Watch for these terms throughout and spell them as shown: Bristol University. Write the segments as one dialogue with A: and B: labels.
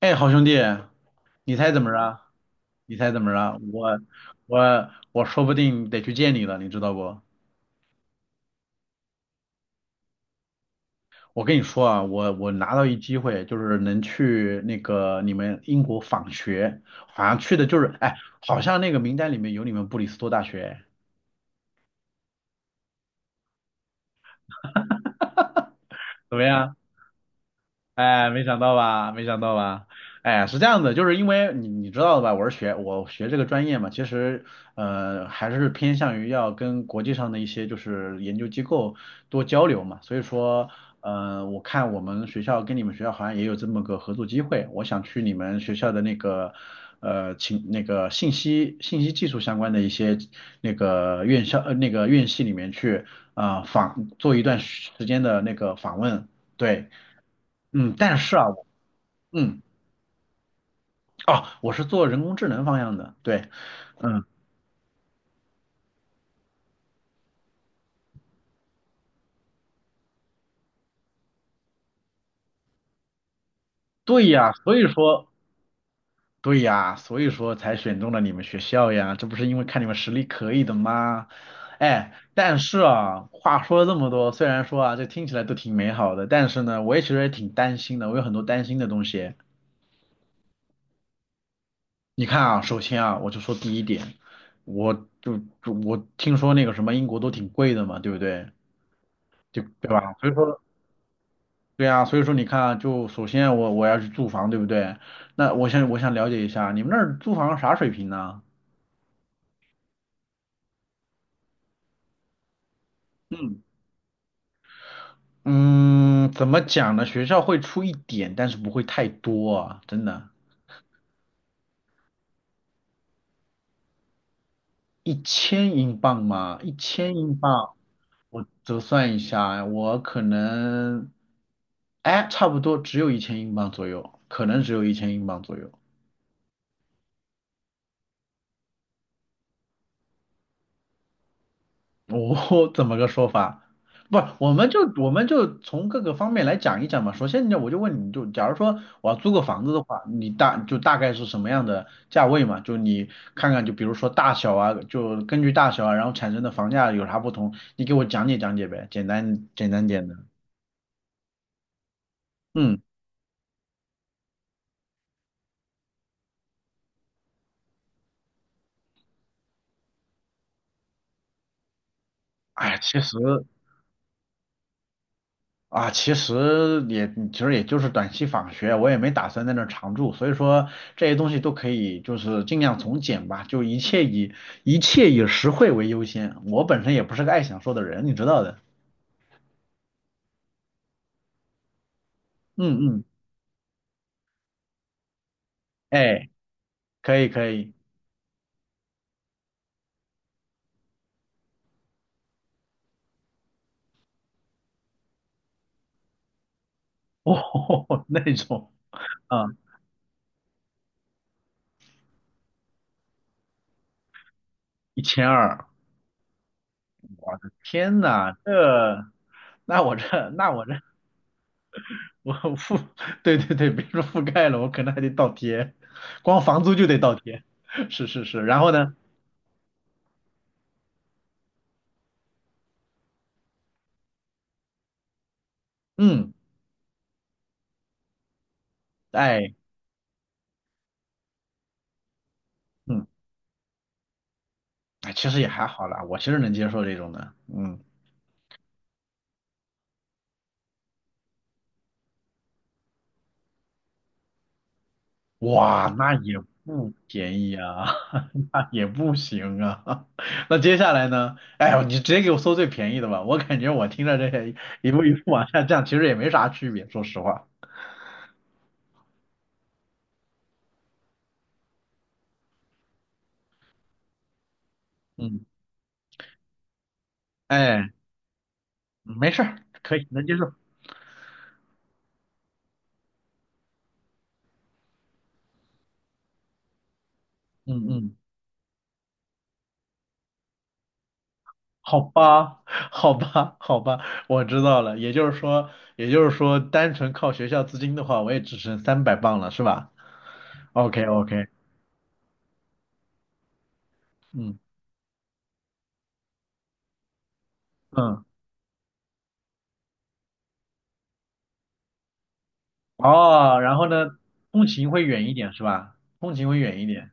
A: 哎，好兄弟，你猜怎么着啊？你猜怎么着啊？我说不定得去见你了，你知道不？我跟你说啊，我拿到一机会，就是能去那个你们英国访学，好像去的就是，哎，好像那个名单里面有你们布里斯托大学，怎么样？哎，没想到吧，没想到吧，哎，是这样的，就是因为你知道的吧，我学这个专业嘛，其实还是偏向于要跟国际上的一些就是研究机构多交流嘛，所以说我看我们学校跟你们学校好像也有这么个合作机会，我想去你们学校的那个那个信息技术相关的一些那个院校那个院系里面去做一段时间的那个访问，对。嗯，但是啊，我嗯。哦，我是做人工智能方向的，对。嗯，对呀，所以说，对呀，所以说才选中了你们学校呀，这不是因为看你们实力可以的吗？哎，但是啊，话说了这么多，虽然说啊，这听起来都挺美好的，但是呢，我也其实也挺担心的，我有很多担心的东西。你看啊，首先啊，我就说第一点，我就就我听说那个什么英国都挺贵的嘛，对不对？就对吧？所以说。对啊，所以说你看啊，就首先我要去租房，对不对？那我想了解一下，你们那儿租房啥水平呢？嗯。嗯，怎么讲呢？学校会出一点，但是不会太多啊，真的。一千英镑吗？一千英镑。我折算一下，我可能，哎，差不多只有一千英镑左右，可能只有一千英镑左右。我怎么个说法？不，我们就从各个方面来讲一讲嘛。首先呢，我就问你就，假如说我要租个房子的话，你大概是什么样的价位嘛？就你看看，就比如说大小啊，就根据大小啊，然后产生的房价有啥不同，你给我讲解讲解呗，简单点的。嗯，哎，其实。啊，其实也就是短期访学，我也没打算在那儿常住，所以说这些东西都可以就是尽量从简吧，就一切以实惠为优先。我本身也不是个爱享受的人，你知道的。嗯嗯，哎，可以可以，哦，那种，啊，1200，天呐，这那我这那我这我覆，对对对，别说覆盖了，我可能还得倒贴，光房租就得倒贴。是是是，然后呢。嗯。哎，嗯，哎，其实也还好啦，我其实能接受这种的。嗯，哇，那也不便宜啊，那也不行啊。那接下来呢？哎呦你直接给我搜最便宜的吧，我感觉我听着这些一步一步往下降，其实也没啥区别，说实话。嗯，哎，没事儿，可以能接受。嗯嗯，好吧，好吧，好吧，我知道了。也就是说，也就是说，单纯靠学校资金的话，我也只剩300磅了，是吧？OK OK，嗯嗯。哦，然后呢，通勤会远一点是吧？通勤会远一点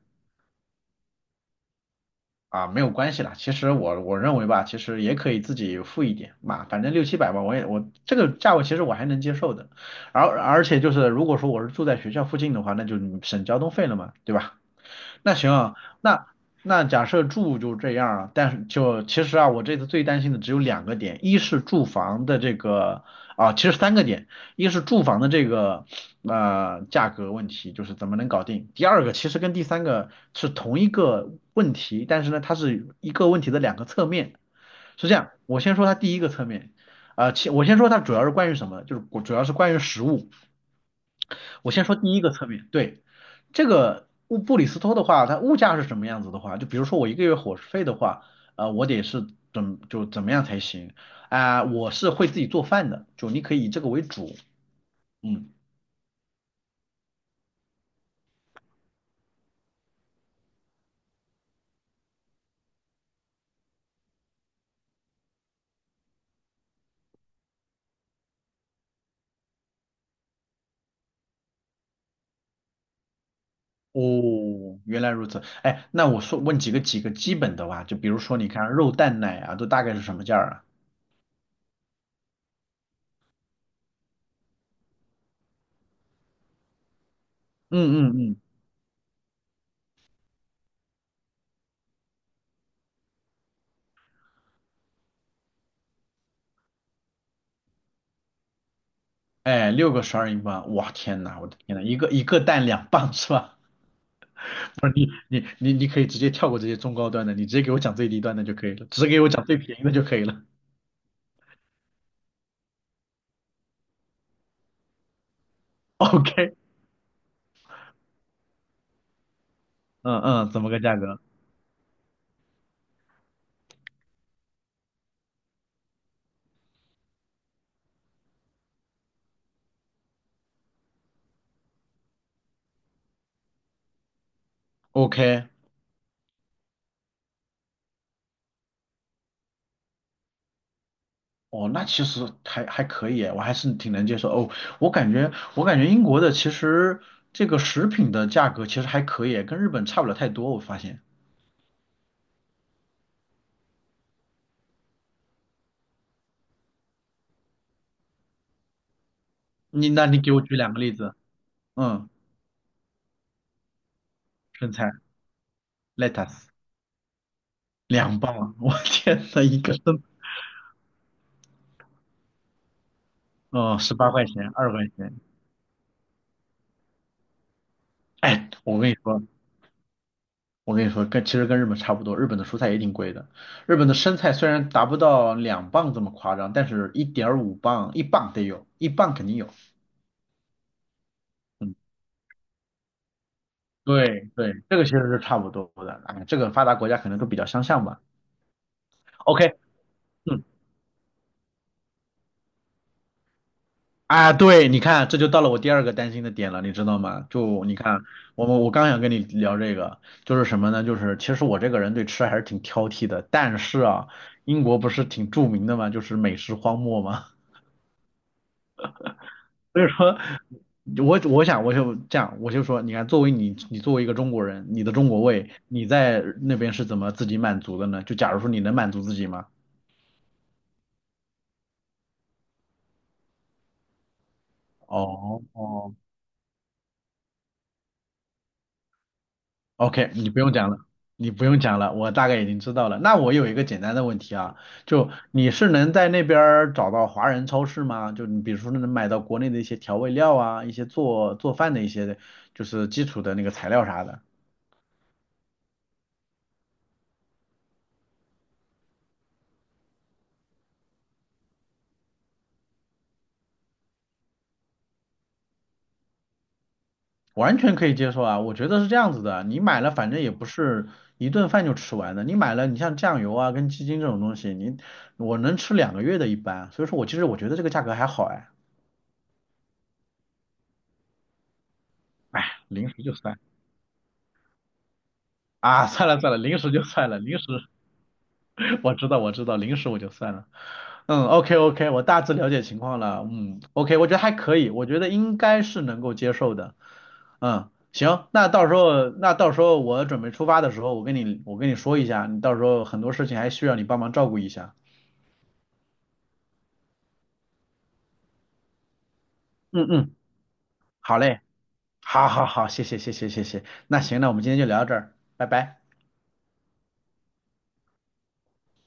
A: 啊，没有关系啦。其实我认为吧，其实也可以自己付一点嘛，反正六七百吧，我这个价位其实我还能接受的。而且就是如果说我是住在学校附近的话，那就省交通费了嘛，对吧？那行啊，那那假设住就这样啊，但是就其实啊，我这次最担心的只有两个点，一是住房的这个啊，其实三个点，一是住房的这个价格问题，就是怎么能搞定。第二个其实跟第三个是同一个问题，但是呢，它是一个问题的两个侧面。是这样，我先说它第一个侧面。我先说它主要是关于什么，就是主要是关于食物。我先说第一个侧面，对。这个布里斯托的话，它物价是什么样子的话，就比如说我一个月伙食费的话，我得是怎么样才行我是会自己做饭的，就你可以以这个为主。嗯，哦，原来如此，哎，那我说问几个基本的吧，就比如说你看肉蛋奶啊，都大概是什么价儿啊？嗯嗯嗯，哎，六个12英镑，哇天呐，我的天呐，一个一个蛋两磅是吧？你可以直接跳过这些中高端的，你直接给我讲最低端的就可以了，只给我讲最便宜的就可以了。OK，嗯嗯，怎么个价格？OK，哦，那其实还可以，我还是挺能接受。哦，我感觉英国的其实这个食品的价格其实还可以，跟日本差不了太多。我发现，那你给我举两个例子。嗯，生菜 lettuce 2磅，我天呐，一个生，哦，18块钱，20块钱。哎，我跟你说。我跟你说，其实跟日本差不多，日本的蔬菜也挺贵的。日本的生菜虽然达不到两磅这么夸张，但是1.5磅，一磅得有，一磅肯定有。嗯，对对，这个其实是差不多的。哎，这个发达国家可能都比较相像吧。OK，嗯，啊，对，你看，这就到了我第二个担心的点了，你知道吗？就你看，我刚想跟你聊这个，就是什么呢？就是其实我这个人对吃还是挺挑剔的，但是啊，英国不是挺著名的嘛，就是美食荒漠吗？所以说，我想我就这样，我就说，你看，作为你你作为一个中国人，你的中国胃，你在那边是怎么自己满足的呢？就假如说你能满足自己吗？哦哦，OK，你不用讲了，你不用讲了，我大概已经知道了。那我有一个简单的问题啊，就你是能在那边儿找到华人超市吗？就你比如说能买到国内的一些调味料啊，一些做饭的一些就是基础的那个材料啥的。完全可以接受啊，我觉得是这样子的，你买了反正也不是一顿饭就吃完的，你买了你像酱油啊跟鸡精这种东西，我能吃2个月的一般，所以说我其实我觉得这个价格还好哎，哎，零食就算啊，算了算了，零食就算了，零食 我知道我知道，零食我就算了，嗯，OK OK，我大致了解情况了，嗯，OK，我觉得还可以，我觉得应该是能够接受的，嗯，行，那到时候我准备出发的时候，我跟你说一下，你到时候很多事情还需要你帮忙照顾一下。嗯嗯，好嘞，好好好，谢谢谢谢谢谢，那行，那我们今天就聊到这儿，拜拜。